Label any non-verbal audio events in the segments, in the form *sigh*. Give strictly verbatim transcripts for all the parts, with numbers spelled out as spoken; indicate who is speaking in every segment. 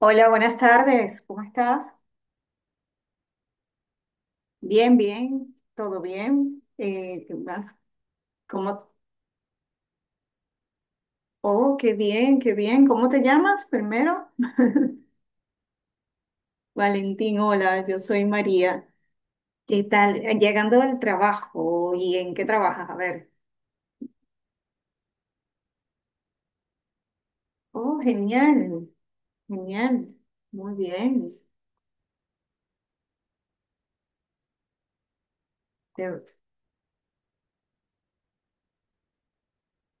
Speaker 1: Hola, buenas tardes. ¿Cómo estás? Bien, bien, todo bien. Eh, ¿qué más? ¿Cómo? Oh, qué bien, qué bien. ¿Cómo te llamas primero? Valentín, hola, yo soy María. ¿Qué tal? Eh, Llegando del trabajo, ¿y en qué trabajas? A ver. Oh, genial, genial. Muy bien. Te-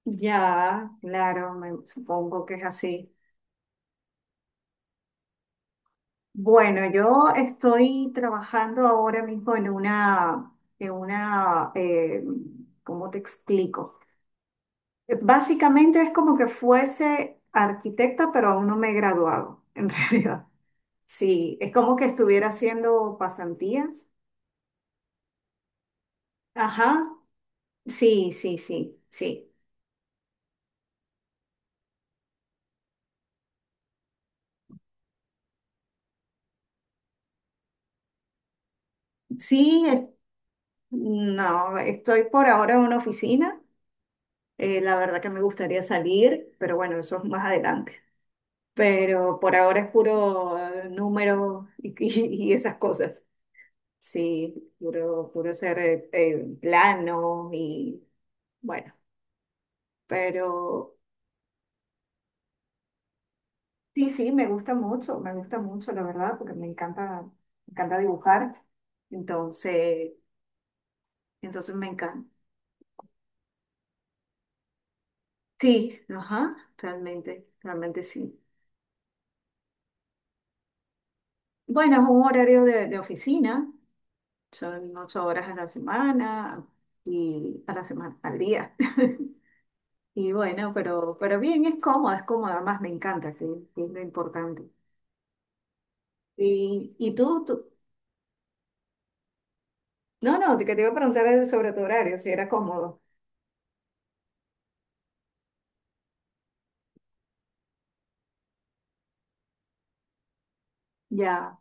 Speaker 1: Ya, claro, me supongo que es así. Bueno, yo estoy trabajando ahora mismo en una, en una, eh, ¿cómo te explico? Básicamente es como que fuese arquitecta, pero aún no me he graduado, en *laughs* realidad. Sí, es como que estuviera haciendo pasantías. Ajá, sí, sí, sí, sí. Sí, es- no, estoy por ahora en una oficina. Eh, la verdad que me gustaría salir, pero bueno, eso es más adelante. Pero por ahora es puro eh, número y, y- y esas cosas. Sí, puro, puro ser eh, eh, plano y bueno, pero sí, sí, me gusta mucho, me gusta mucho, la verdad, porque me encanta, me encanta dibujar. Entonces, entonces me encanta. Sí, ajá, realmente, realmente sí. Bueno, es un horario de, de oficina, son ocho horas a la semana y a la semana, al día. *laughs* Y bueno, pero, pero bien, es cómodo, es cómodo, además me encanta, sí, sí, es lo importante. Y, y tú, tú, no, no, que te iba a preguntar es sobre tu horario, si era cómodo. Ya,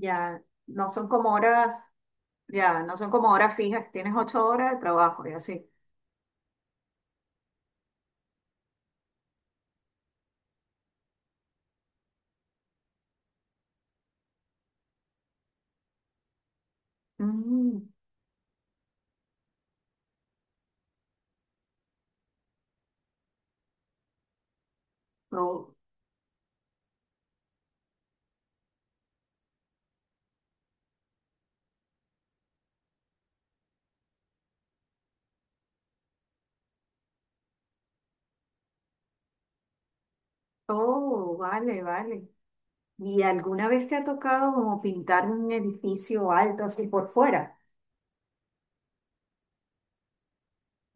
Speaker 1: ya, no son como horas, ya, no son como horas fijas, tienes ocho horas de trabajo y así. Mm, oh, oh, vale, vale. ¿Y alguna vez te ha tocado como pintar un edificio alto así por fuera?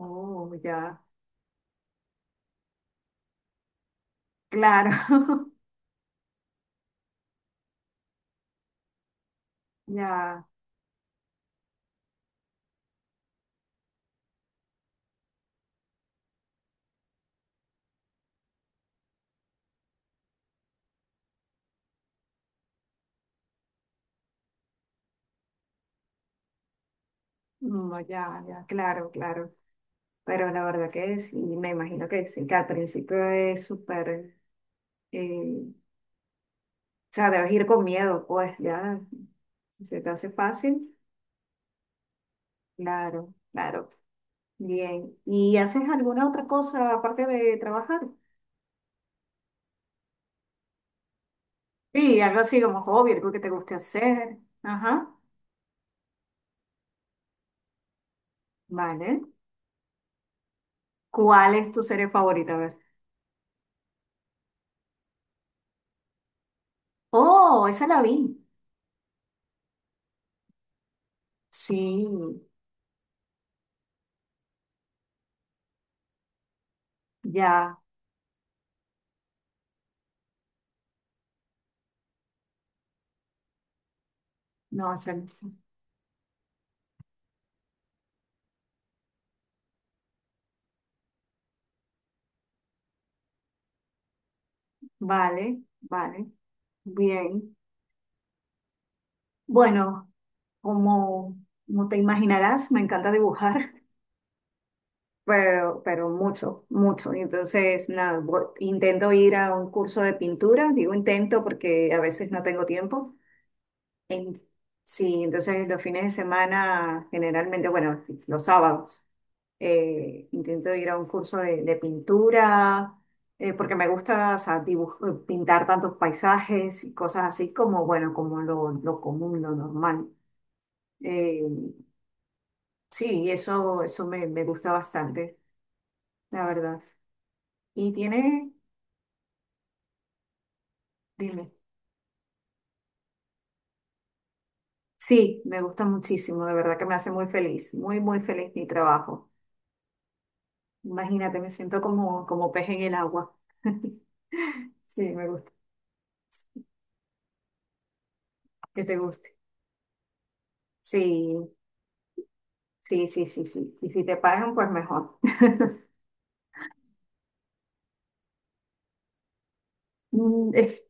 Speaker 1: Oh, ya, claro, *laughs* ya, no, ya, ya, claro, claro. Pero la verdad que sí, me imagino que sí, que al principio es súper, eh, o sea, debes ir con miedo, pues ya se te hace fácil. Claro, claro. Bien. ¿Y haces alguna otra cosa aparte de trabajar? Sí, algo así como hobby, algo que te guste hacer. Ajá. Vale. ¿Cuál es tu serie favorita? A ver. Oh, esa la vi. Sí, ya. No, esa no. Vale, vale. Bien. Bueno. Como, como te imaginarás, me encanta dibujar, *laughs* pero, pero mucho, mucho. Y entonces, nada, vo- intento ir a un curso de pintura, digo intento porque a veces no tengo tiempo. En- sí, entonces los fines de semana, generalmente, bueno, los sábados, eh, intento ir a un curso de, de pintura, eh, porque me gusta, o sea, dibuj- pintar tantos paisajes y cosas así como, bueno, como lo, lo común, lo normal. Eh, Sí, eso, eso me, me gusta bastante, la verdad. Y tiene, dime, sí, me gusta muchísimo, de verdad que me hace muy feliz, muy, muy feliz mi trabajo. Imagínate, me siento como, como pez en el agua. *laughs* Sí, me gusta, que te guste. Sí, sí, sí, sí, sí. Y si te pagan, pues mejor. *laughs* Mm, es-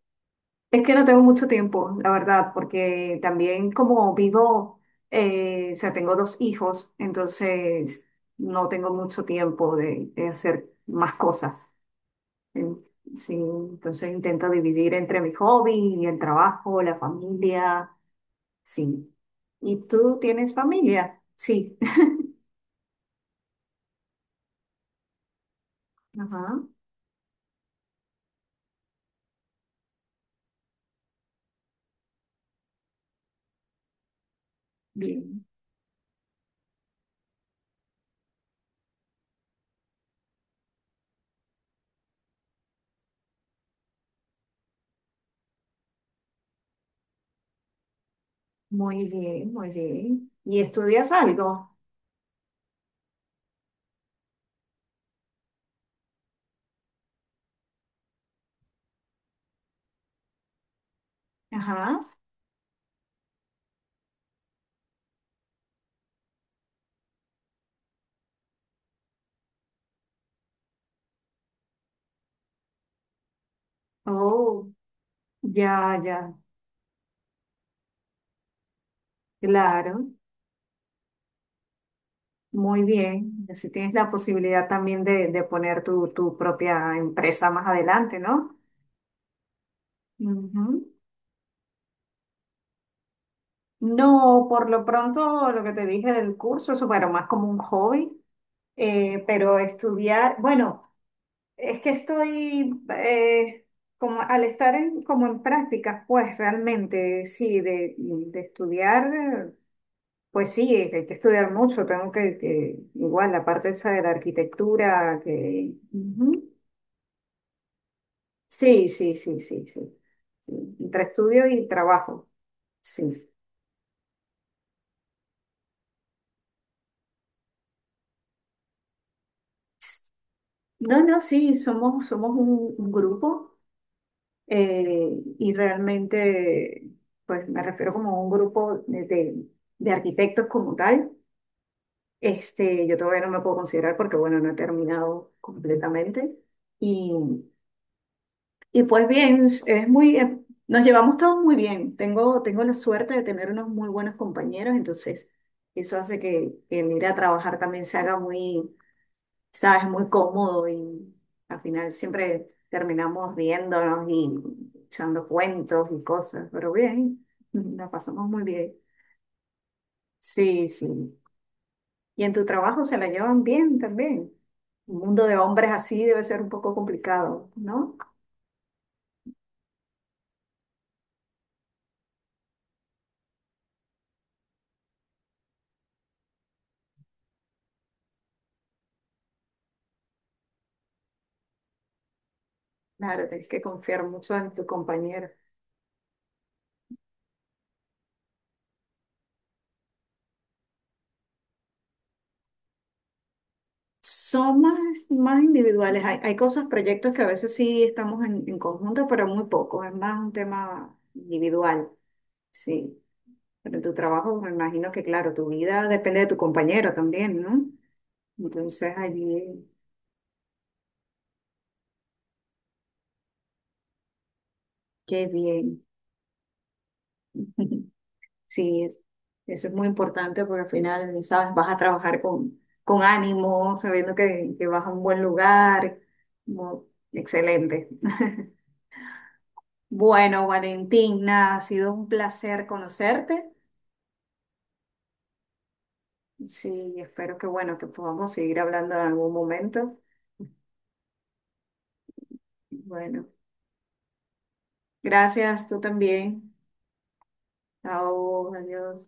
Speaker 1: Es que no tengo mucho tiempo, la verdad, porque también como vivo, eh, o sea, tengo dos hijos, entonces no tengo mucho tiempo de, de hacer más cosas. En- Sí, entonces intento dividir entre mi hobby y el trabajo, la familia, sí. ¿Y tú tienes familia? Sí. *laughs* Ajá, bien, muy bien, muy bien. ¿Y estudias algo? Ajá. Oh, ya, ya, claro. Muy bien, y así tienes la posibilidad también de, de poner tu, tu propia empresa más adelante, ¿no? Ujú. No, por lo pronto lo que te dije del curso, eso bueno, más como un hobby, eh, pero estudiar, bueno, es que estoy eh, como al estar en, como en prácticas, pues realmente sí, de, de estudiar, eh, pues sí, hay que estudiar mucho, tengo que, que igual la parte esa de la arquitectura que... ujú. Sí, sí, sí, sí, sí. Sí, entre estudio y trabajo. Sí. No, no, sí, somos, somos un, un grupo eh, y realmente, pues me refiero como a un grupo de, de- de arquitectos como tal. Este, yo todavía no me puedo considerar porque, bueno, no he terminado completamente. Y y pues bien, es es muy, eh, nos llevamos todos muy bien. Tengo, tengo la suerte de tener unos muy buenos compañeros, entonces eso hace que, que el ir a trabajar también se haga muy, sabes, muy cómodo y al final siempre terminamos riéndonos y echando cuentos y cosas, pero bien, *laughs* nos pasamos muy bien. Sí, sí. Y en tu trabajo se la llevan bien también. Un mundo de hombres así debe ser un poco complicado, ¿no? Claro, tienes que confiar mucho en tu compañero. Son más, más individuales. Hay, hay cosas, proyectos que a veces sí estamos en, en conjunto, pero muy poco. Es más un tema individual, sí. Pero en tu trabajo, me imagino que, claro, tu vida depende de tu compañero también, ¿no? Entonces, allí, qué bien. *laughs* Sí, es, eso es muy importante porque al final, sabes, vas a trabajar con, con ánimo, sabiendo que, que vas a un buen lugar. Mu- Excelente. *laughs* Bueno, Valentina, ha sido un placer conocerte. Sí, y espero que bueno, que podamos seguir hablando en algún momento. Bueno, gracias, tú también. Chao, adiós.